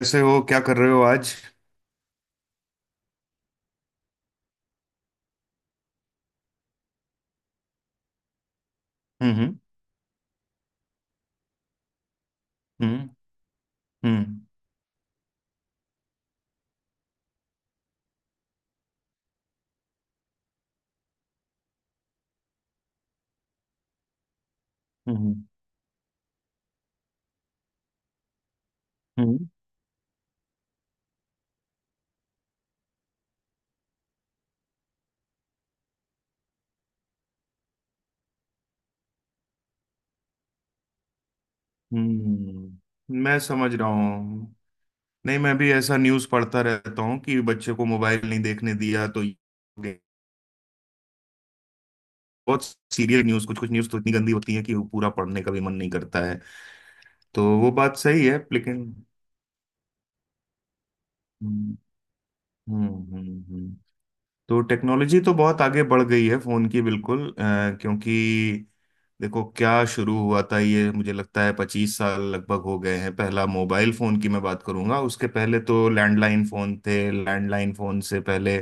कैसे हो? क्या कर रहे हो आज? हम्म। हम्म। हम्म। हम्म। हम्म। हम्म। मैं समझ रहा हूँ। नहीं, मैं भी ऐसा न्यूज़ पढ़ता रहता हूँ कि बच्चे को मोबाइल नहीं देखने दिया तो ये हो गया। बहुत सीरियस न्यूज़। कुछ कुछ न्यूज़ तो इतनी गंदी होती है कि वो पूरा पढ़ने का भी मन नहीं करता है। तो वो बात सही है लेकिन हम्म। हम्म। हम्म। हम्म। तो टेक्नोलॉजी तो बहुत आगे बढ़ गई है फोन की, बिल्कुल क्योंकि देखो, क्या शुरू हुआ था ये। मुझे लगता है 25 साल लगभग हो गए हैं। पहला मोबाइल फोन की मैं बात करूंगा, उसके पहले तो लैंडलाइन फोन थे। लैंडलाइन फोन से पहले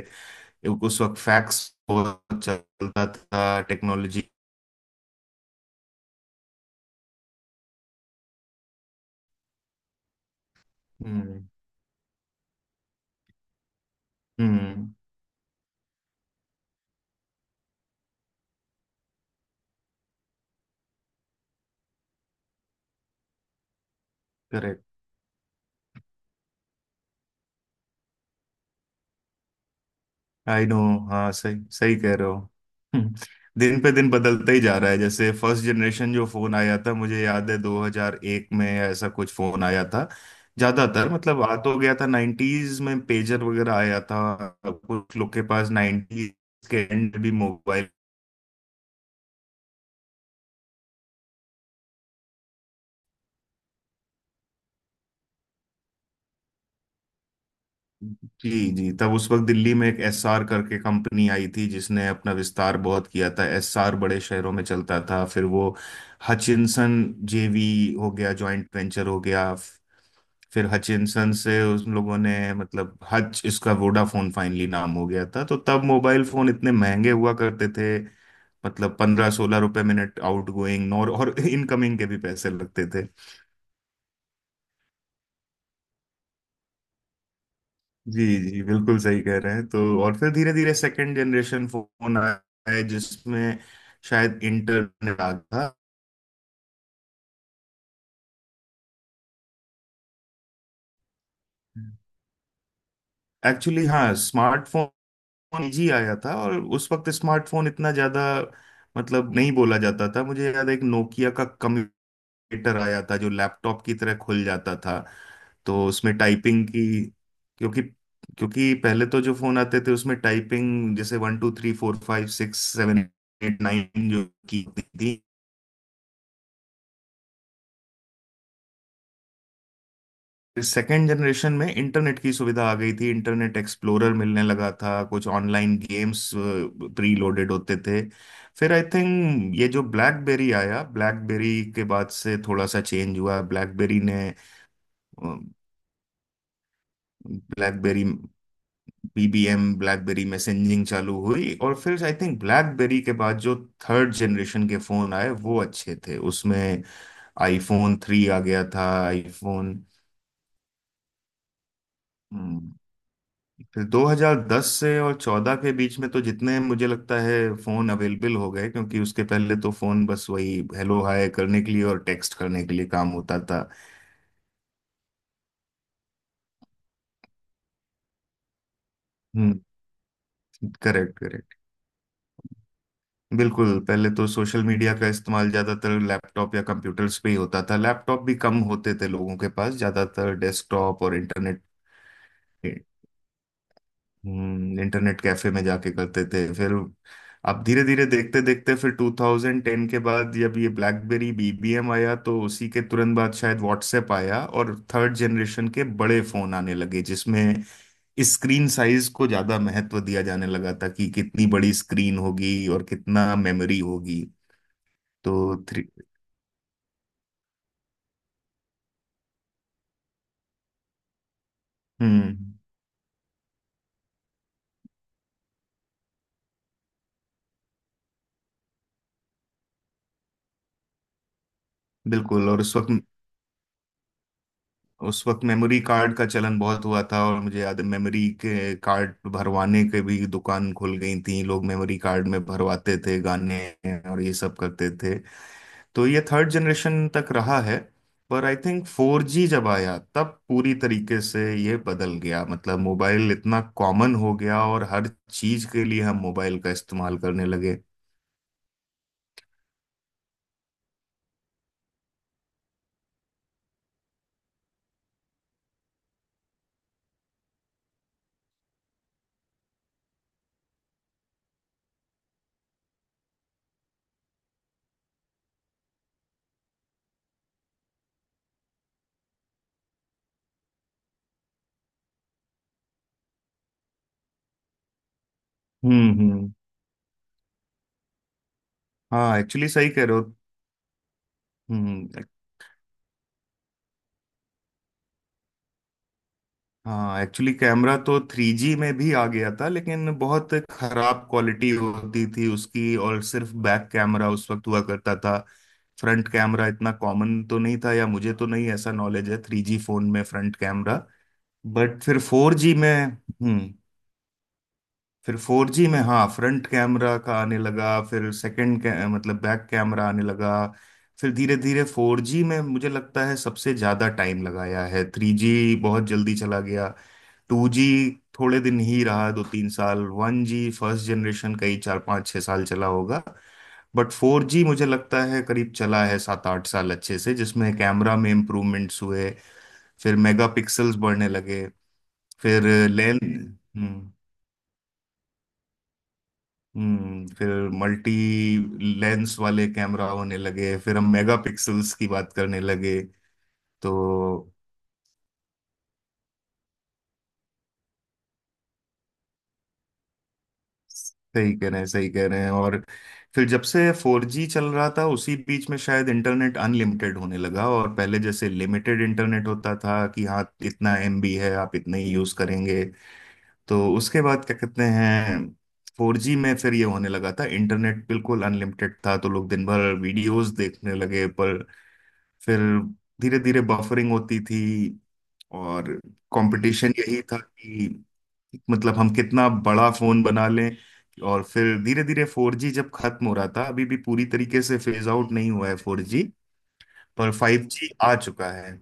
उस वक्त फैक्स बहुत चलता था। टेक्नोलॉजी। हम्म। हम्म। I know. हाँ, सही सही कह रहे हो। हम्म, दिन पे दिन बदलता ही जा रहा है। जैसे फर्स्ट जनरेशन जो फोन आया था, मुझे याद है 2001 में ऐसा कुछ फोन आया था। ज्यादातर मतलब आ तो गया था 90s में, पेजर वगैरह आया था, कुछ लोग के पास 90s के एंड भी मोबाइल। जी जी, तब उस वक्त दिल्ली में एक एसआर करके कंपनी आई थी जिसने अपना विस्तार बहुत किया था। एसआर बड़े शहरों में चलता था, फिर वो हचिनसन जेवी हो गया, जॉइंट वेंचर हो गया। फिर हचिनसन से उन लोगों ने, मतलब हच, इसका वोडाफोन फाइनली नाम हो गया था। तो तब मोबाइल फोन इतने महंगे हुआ करते थे, मतलब 15-16 रुपए मिनट आउट गोइंग, और इनकमिंग के भी पैसे लगते थे। जी जी, बिल्कुल सही कह रहे हैं। तो और फिर धीरे धीरे सेकंड जनरेशन फोन आए जिसमें शायद इंटरनेट आ गया था। एक्चुअली हाँ, स्मार्टफोन जी आया था, और उस वक्त स्मार्टफोन इतना ज्यादा मतलब नहीं बोला जाता था। मुझे याद है एक नोकिया का कंप्यूटर आया था जो लैपटॉप की तरह खुल जाता था। तो उसमें टाइपिंग की, क्योंकि क्योंकि पहले तो जो फोन आते थे उसमें टाइपिंग जैसे 1 2 3 4 5 6 7 8 9 जो की होती थी। सेकेंड जनरेशन में इंटरनेट की सुविधा आ गई थी, इंटरनेट एक्सप्लोरर मिलने लगा था, कुछ ऑनलाइन गेम्स प्री लोडेड होते थे। फिर आई थिंक ये जो ब्लैकबेरी आया, ब्लैकबेरी के बाद से थोड़ा सा चेंज हुआ ब्लैकबेरी ने। ब्लैकबेरी बीबीएम, ब्लैकबेरी मैसेजिंग चालू हुई, और फिर आई थिंक ब्लैकबेरी के बाद जो थर्ड जनरेशन के फोन आए वो अच्छे थे, उसमें आईफोन 3 आ गया था। आईफोन। हम्म, फिर 2010 से और 14 के बीच में तो जितने मुझे लगता है फोन अवेलेबल हो गए, क्योंकि उसके पहले तो फोन बस वही हेलो हाय करने के लिए और टेक्स्ट करने के लिए काम होता था। हम्म। Correct correct. बिल्कुल, पहले तो सोशल मीडिया का इस्तेमाल ज्यादातर लैपटॉप या कंप्यूटर्स पे ही होता था। लैपटॉप भी कम होते थे लोगों के पास, ज्यादातर डेस्कटॉप और इंटरनेट। इंटरनेट कैफे में जाके करते थे। फिर अब धीरे धीरे देखते देखते, फिर 2010 के बाद जब ये ब्लैकबेरी बीबीएम आया तो उसी के तुरंत बाद शायद व्हाट्सएप आया, और थर्ड जनरेशन के बड़े फोन आने लगे जिसमें स्क्रीन साइज को ज्यादा महत्व दिया जाने लगा था कि कितनी बड़ी स्क्रीन होगी और कितना मेमोरी होगी। तो थ्री। हम्म। बिल्कुल। और उस वक्त मेमोरी कार्ड का चलन बहुत हुआ था, और मुझे याद है मेमोरी के कार्ड भरवाने के भी दुकान खुल गई थी, लोग मेमोरी कार्ड में भरवाते थे गाने और ये सब करते थे। तो ये थर्ड जनरेशन तक रहा है। पर आई थिंक फोर जी जब आया तब पूरी तरीके से ये बदल गया, मतलब मोबाइल इतना कॉमन हो गया और हर चीज के लिए हम मोबाइल का इस्तेमाल करने लगे। हम्म। हम्म। हाँ, एक्चुअली सही कह रहे हो। हम्म। हाँ, एक्चुअली कैमरा तो थ्री जी में भी आ गया था, लेकिन बहुत खराब क्वालिटी होती थी उसकी, और सिर्फ बैक कैमरा उस वक्त हुआ करता था। फ्रंट कैमरा इतना कॉमन तो नहीं था, या मुझे तो नहीं ऐसा नॉलेज है थ्री जी फोन में फ्रंट कैमरा। बट फिर फोर जी में हम्म। फिर फोर जी में हाँ फ्रंट कैमरा का आने लगा, फिर सेकंड मतलब बैक कैमरा आने लगा। फिर धीरे धीरे फोर जी में मुझे लगता है सबसे ज्यादा टाइम लगाया है, थ्री जी बहुत जल्दी चला गया। टू जी थोड़े दिन ही रहा, 2-3 साल। वन जी फर्स्ट जनरेशन कई 4-5-6 साल चला होगा। बट फोर जी मुझे लगता है करीब चला है 7-8 साल अच्छे से, जिसमें कैमरा में इम्प्रूवमेंट्स हुए, फिर मेगा पिक्सल्स बढ़ने लगे। फिर लेंस। हम्म। हम्म, फिर मल्टी लेंस वाले कैमरा होने लगे, फिर हम मेगा पिक्सल्स की बात करने लगे। तो सही कह रहे हैं, सही कह रहे हैं। और फिर जब से फोर जी चल रहा था उसी बीच में शायद इंटरनेट अनलिमिटेड होने लगा, और पहले जैसे लिमिटेड इंटरनेट होता था कि हाँ इतना एमबी है, आप इतने ही यूज करेंगे। तो उसके बाद क्या कहते हैं, फोर जी में फिर ये होने लगा था, इंटरनेट बिल्कुल अनलिमिटेड था, तो लोग दिन भर वीडियोस देखने लगे। पर फिर धीरे धीरे बफरिंग होती थी। और कंपटीशन यही था कि मतलब हम कितना बड़ा फोन बना लें। और फिर धीरे धीरे 4G जब खत्म हो रहा था, अभी भी पूरी तरीके से फेज आउट नहीं हुआ है 4G, पर 5G आ चुका है।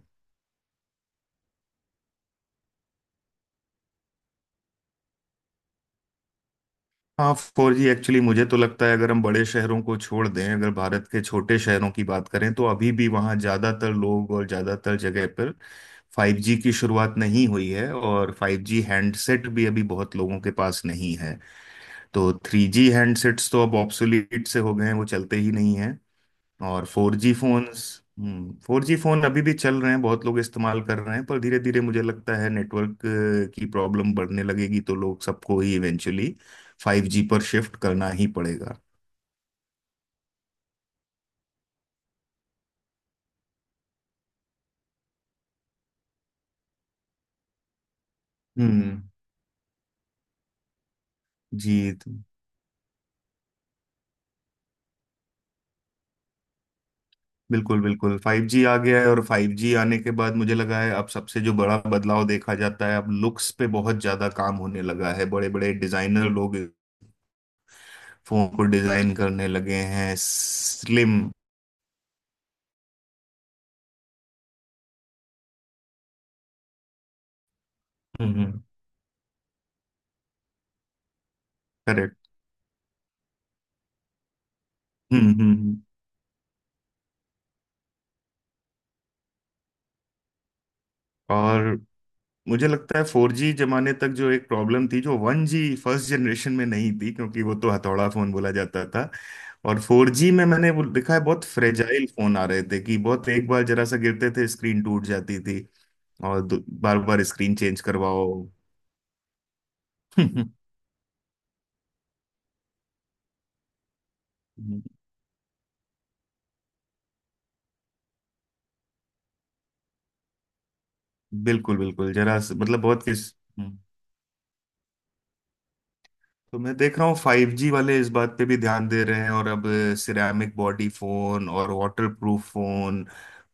हाँ फोर जी एक्चुअली मुझे तो लगता है अगर हम बड़े शहरों को छोड़ दें, अगर भारत के छोटे शहरों की बात करें तो अभी भी वहाँ ज़्यादातर लोग और ज़्यादातर जगह पर फाइव जी की शुरुआत नहीं हुई है, और फाइव जी हैंडसेट भी अभी बहुत लोगों के पास नहीं है। तो थ्री जी हैंडसेट्स तो अब ऑब्सोलीट से हो गए हैं, वो चलते ही नहीं। और फोर जी फोन्स। हम्म, फोर जी फोन अभी भी चल रहे हैं, बहुत लोग इस्तेमाल कर रहे हैं, पर धीरे धीरे मुझे लगता है नेटवर्क की प्रॉब्लम बढ़ने लगेगी, तो लोग सबको ही इवेंचुअली फाइव जी पर शिफ्ट करना ही पड़ेगा। हम्म। जी। तो बिल्कुल बिल्कुल फाइव जी आ गया है, और फाइव जी आने के बाद मुझे लगा है अब सबसे जो बड़ा बदलाव देखा जाता है, अब लुक्स पे बहुत ज्यादा काम होने लगा है। बड़े बड़े डिजाइनर लोग फोन को डिजाइन करने लगे हैं स्लिम। हम्म। हम्म। करेक्ट। हम्म। हम्म। हम्म। और मुझे लगता है फोर जी जमाने तक जो एक प्रॉब्लम थी जो वन जी फर्स्ट जनरेशन में नहीं थी, क्योंकि वो तो हथौड़ा फोन बोला जाता था। और फोर जी में मैंने वो देखा है बहुत फ्रेजाइल फोन आ रहे थे, कि बहुत एक बार जरा सा गिरते थे स्क्रीन टूट जाती थी, और बार बार स्क्रीन चेंज करवाओ बिल्कुल बिल्कुल मतलब बहुत किस। हम्म। तो मैं देख रहा हूँ फाइव जी वाले इस बात पे भी ध्यान दे रहे हैं, और अब सिरेमिक बॉडी फोन और वाटर प्रूफ फोन,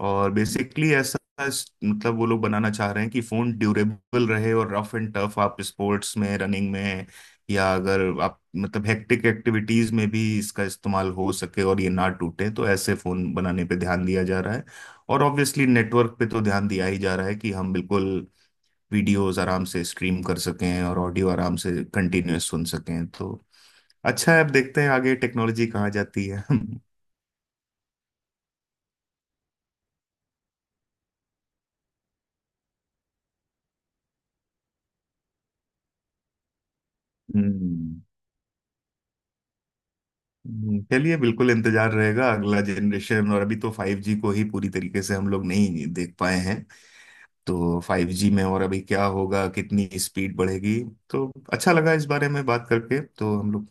और बेसिकली ऐसा मतलब वो लोग बनाना चाह रहे हैं कि फोन ड्यूरेबल रहे और रफ एंड टफ। आप स्पोर्ट्स में, रनिंग में, या अगर आप मतलब हेक्टिक एक्टिविटीज में भी इसका इस्तेमाल हो सके और ये ना टूटे, तो ऐसे फोन बनाने पे ध्यान दिया जा रहा है। और ऑब्वियसली नेटवर्क पे तो ध्यान दिया ही जा रहा है कि हम बिल्कुल वीडियोस आराम से स्ट्रीम कर सकें और ऑडियो आराम से कंटिन्यूअस सुन सकें। तो अच्छा है, अब देखते हैं आगे टेक्नोलॉजी कहाँ जाती है हम्म। चलिए, बिल्कुल इंतजार रहेगा अगला जनरेशन, और अभी तो फाइव जी को ही पूरी तरीके से हम लोग नहीं देख पाए हैं। तो फाइव जी में और अभी क्या होगा, कितनी स्पीड बढ़ेगी। तो अच्छा लगा इस बारे में बात करके। तो हम लोग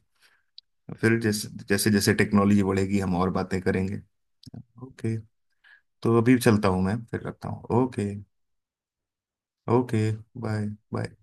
फिर जैसे जैसे जैसे टेक्नोलॉजी बढ़ेगी हम और बातें करेंगे। ओके, तो अभी चलता हूँ मैं, फिर रखता हूँ। ओके। ओके। बाय। बाय।